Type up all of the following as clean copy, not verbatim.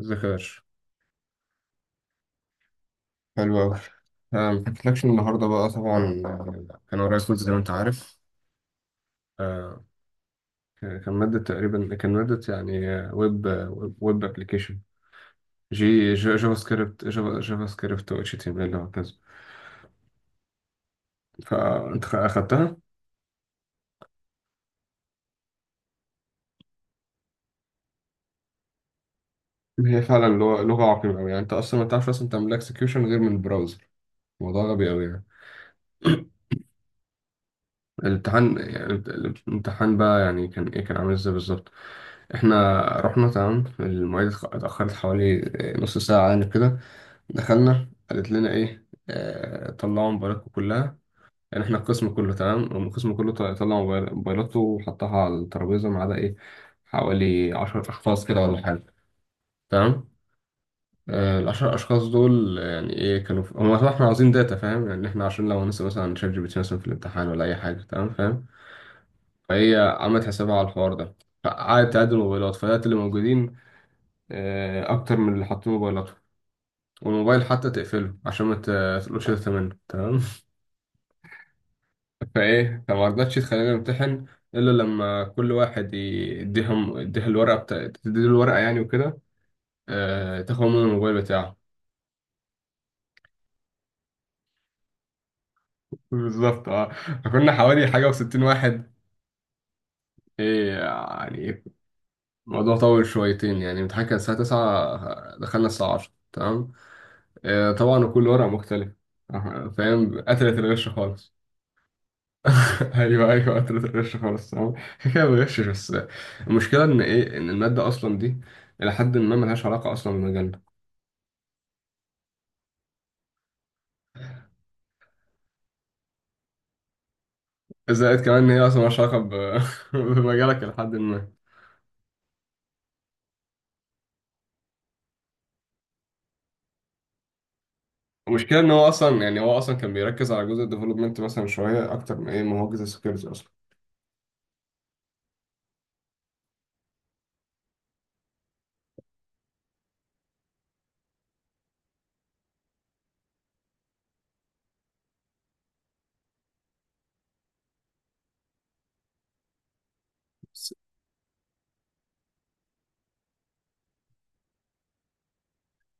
ذكر. حلو أوي. أنا محكيتلكش النهاردة بقى طبعا، كان ورايا كود زي ما أنت عارف. آه، كان مادة تقريبا، كان مادة يعني آه، ويب آه، ويب أبلكيشن. جافا سكريبت، جافا سكريبت و اتش تي ام ال وهكذا. فأنت أخدتها. هي فعلا لغة عقيمة أوي، يعني أنت أصلا ما تعرفش أصلا تعمل اكسكيوشن غير من البراوزر. موضوع غبي أوي يعني. الامتحان، يعني الامتحان بقى يعني كان ايه، كان عامل ازاي بالظبط؟ احنا رحنا تمام، المعيدة اتأخرت حوالي نص ساعة يعني كده. دخلنا، قالت لنا ايه، طلعوا موبايلاتكم كلها. يعني احنا القسم كله تمام، القسم كله طلع موبايلاته وحطها على الترابيزه ما عدا ايه، حوالي 10 اشخاص كده ولا حاجه. تمام. العشر اشخاص دول يعني ايه، كانوا في هم، احنا عاوزين داتا، فاهم؟ يعني احنا عشان لو هنسأل مثلا شات جي بي تي مثلا في الامتحان ولا اي حاجه، تمام، فاهم. فهي عملت حسابها على الحوار ده، فقعدت تعد الموبايلات، فلقيت اللي موجودين اكتر من اللي حاطين موبايلاتهم، والموبايل حتى تقفله عشان ما تقولوش ده. تمام. فايه، فما رضتش تخلينا نمتحن الا لما كل واحد يديهم، يديها الورقه بتا، تديله الورقه يعني وكده. تاخد منه الموبايل بتاعه. بالظبط اه. فكنا حوالي حاجه و60 واحد، ايه يعني. الموضوع طول شويتين، يعني الامتحان كان الساعه 9، دخلنا الساعه 10، تمام. طبعا، وكل ورقه مختلفه، فاهم، قتلت الغش خالص. ايوه ايوه قتلت الغش خالص، تمام، كده كده ما بغشش بس. المشكله ان ايه، ان الماده اصلا دي إلى حد ما ملهاش علاقة أصلا بمجالنا. زائد كمان ان هي اصلا مالهاش علاقه ب. بمجالك لحد ما. المشكله ان هو اصلا يعني، هو اصلا كان بيركز على جزء الديفلوبمنت مثلا شويه اكتر من ايه، ما هو جزء السكيورتي اصلا.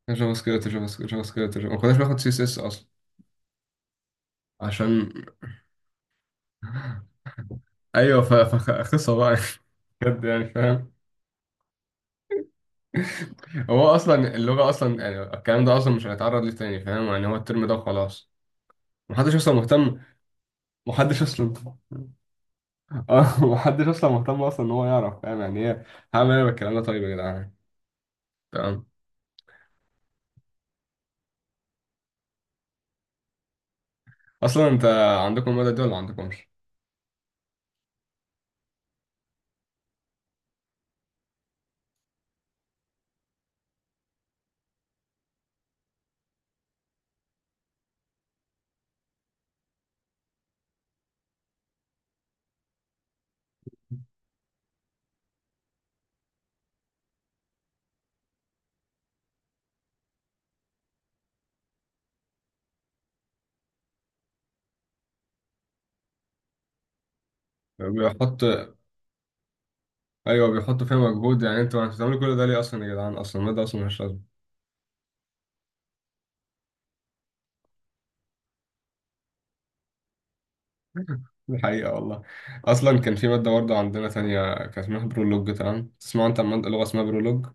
كان جافا سكريبت، ما كناش بناخد سي اس اس اصلا. عشان ايوه، فقصه بقى. بجد يعني فاهم. هو اصلا اللغه اصلا يعني، الكلام ده اصلا مش هنتعرض ليه تاني، فاهم يعني، هو الترم ده وخلاص، محدش اصلا مهتم. محدش اصلا. اه محدش اصلا مهتم اصلا ان هو يعرف، فاهم يعني ايه، هعمل ايه بالكلام ده طيب يا جدعان. تمام. اصلا انت عندكم المادة دي ولا عندكمش؟ بيحط، ايوه بيحطوا فيها مجهود، يعني انتوا بتعملوا كل ده ليه اصلا يا جدعان، اصلا المادة اصلا مش لازمة. دي حقيقة والله. اصلا كان في مادة برضه عندنا تانية، كان اسمها برولوج، تمام، تسمع انت عن مادة لغة اسمها برولوج؟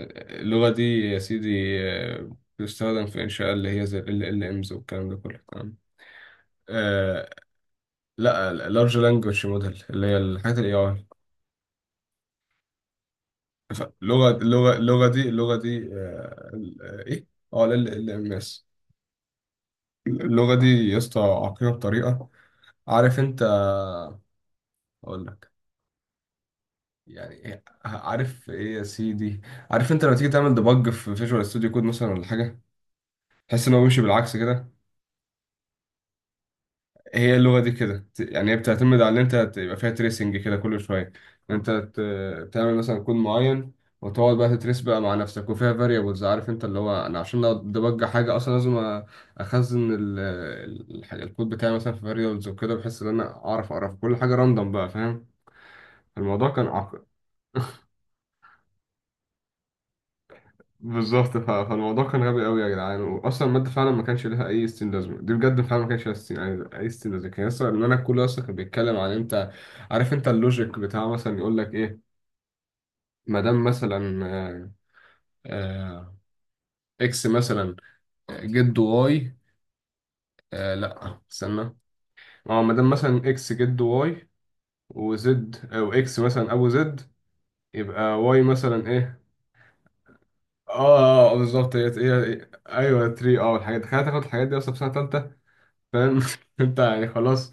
اللغة دي يا سيدي بتستخدم في إنشاء اللي هي زي ال LLMs والكلام ده كله، تمام. آه لا، ال Large Language Model اللي هي الحاجات ال AI. ف- لغة اللغة اللغة دي إيه؟ اه ال LLMs. اللغة دي يا اسطى عقيمة بطريقة، عارف انت، اقول لك. يعني إيه، عارف ايه يا سيدي، عارف انت لما تيجي تعمل ديبج في فيجوال ستوديو كود مثلا ولا حاجة، تحس ان هو بيمشي بالعكس كده. هي اللغة دي كده، يعني هي بتعتمد على ان انت تبقى فيها تريسنج كده كل شوية، ان انت تعمل مثلا كود معين، وتقعد بقى تتريس بقى مع نفسك، وفيها فاريبلز، عارف انت، اللي هو انا عشان ادبج حاجة اصلا لازم أ- اخزن الكود بتاعي مثلا في فاريبلز وكده، بحيث ان انا اعرف كل حاجة راندوم بقى، فاهم. الموضوع كان عق، بالظبط، فالموضوع كان غبي قوي يا جدعان، واصلا الماده فعلا ما كانش لها اي ستين لازمه، دي بجد فعلا ما كانش لها ستين يعني اي ستين لازمه، كان اصلا ان انا، كله اصلا كان بيتكلم عن انت، عارف انت اللوجيك بتاع، مثلا يقول لك ايه، ما دام مثلا آه، اكس مثلا جد واي، آه لا استنى، اه ما دام مثلا اكس جد واي، وزد او اكس مثلا ابو زد، يبقى واي مثلا ايه. اه بالظبط، ايوه 3، اه الحاجات، تخيل تاخد الحاجات دي اصلا في سنه ثالثه. فاهم انت، يعني خلاص،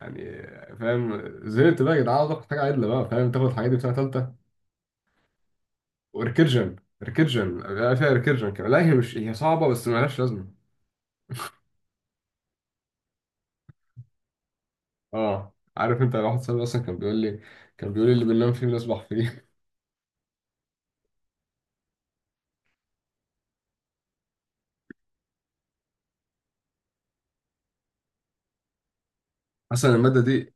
يعني فاهم، زهقت بقى يا جدعان، عاوز اخد حاجه عدله بقى، فاهم، تاخد الحاجات دي في سنه ثالثه. وريكيرجن، ريكيرجن بقى فيها ريكيرجن كمان، لا هي مش، هي صعبه بس مالهاش لازمه. اه عارف انت، واحد صاحبي اصلا كان بيقول لي، اللي بننام فيه بنصبح فيه. اصلا الماده دي،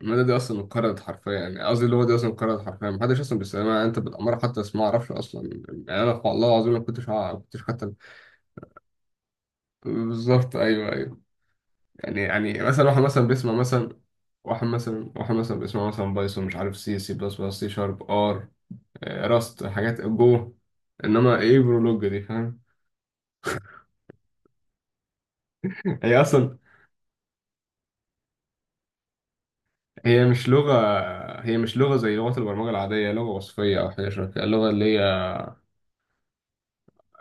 اصلا انقرضت حرفيا، يعني قصدي اللغه دي اصلا انقرضت حرفيا، محدش اصلا بيستخدمها، يعني انت بالاماره حتى اسمها ما اعرفش اصلا. يعني انا والله العظيم ما كنتش ما كنتش حتى. بالظبط ايوه ايوه. يعني مثلا واحد مثلا بيسمع مثلا، واحد مثلا بيسمع مثلا بايثون، مش عارف، سي بلس بلس، سي شارب، ار، راست، حاجات جو، انما ايه برولوج دي، فاهم. هي اصلا، هي مش لغه، زي لغه البرمجه العاديه، هي لغه وصفيه او حاجه شبه كده، اللغه اللي هي.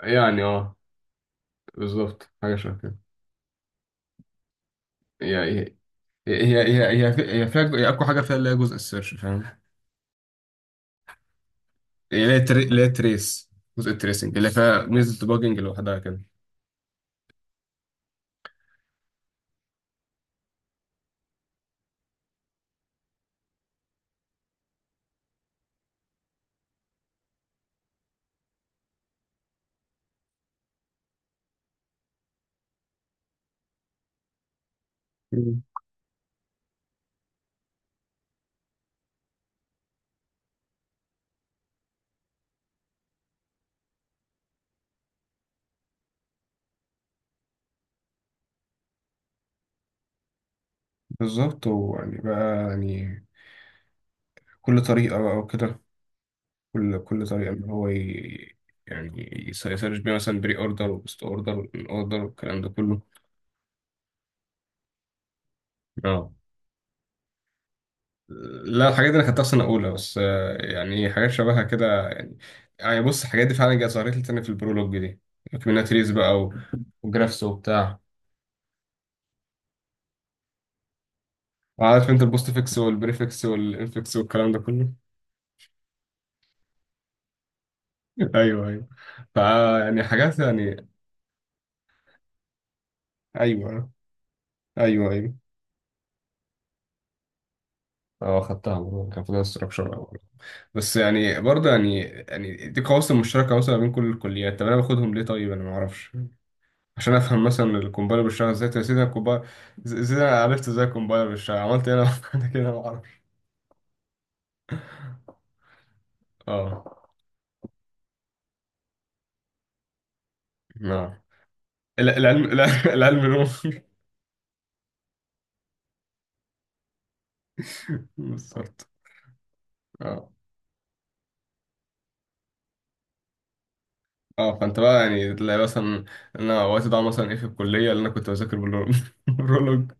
يعني اه بالظبط حاجه شبه كده. هي هي هي هي فيها هي اقوى حاجه فيها اللي هي جزء السيرش، فاهم. اللي هي تريس، جزء التريسنج اللي فيها ميزه الديباجنج لوحدها. كده، بالظبط، ويعني بقى يعني، كل طريقة بقى وكده، كل طريقة إن هو ي، يسرش بيها مثلا بري أوردر وبوست أوردر والكلام ده كله. اه لا، الحاجات دي أنا خدتها في سنة أولى بس، يعني إيه، حاجات شبهها كده يعني. يعني بص الحاجات دي فعلا جت، ظهرت لي تاني في البرولوج دي، كوميونيتيز بقى و، وجرافس وبتاع. عارف أنت البوست فيكس والبريفكس والإنفكس والكلام ده كله. أيوه أيوه فا، يعني حاجات يعني، أيوه أيوه. اه خدتها برضه، كان فيها استراكشر أول، بس يعني برضه يعني دي قواسم مشتركة مثلا بين كل الكليات، طب أنا باخدهم ليه، طيب أنا معرفش. عشان أفهم مثلا الكومبايلر بيشتغل إزاي، طب يا سيدي أنا الكومبايلر إزاي، أنا عرفت إزاي الكومبايلر بيشتغل، عملت إيه أنا، أنا كده معرفش. اه نعم. العلم نور بالظبط اه اه، فانت بقى يعني تلاقي مثلا، انا وقت ضاع مثلا ايه في الكليه اللي انا كنت بذاكر بالرولوج.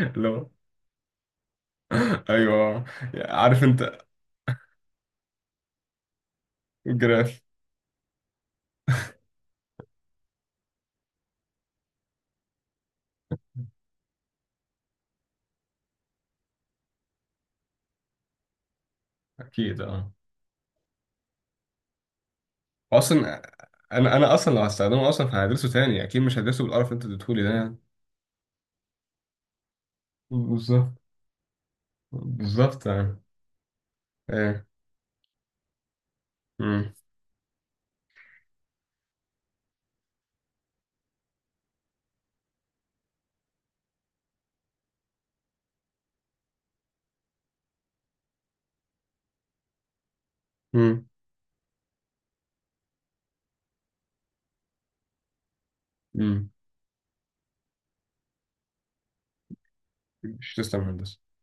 اللي هو ايوه، عارف انت الجراف، اكيد اه. اصلا انا اصلا لو هستخدمه اصلا فهدرسه تاني اكيد، مش هدرسه بالقرف اللي انت اديتهولي ده يعني. بالظبط، بالظبط يعني، ايه، امم، امم، امم، مش تسلم يا هندسة.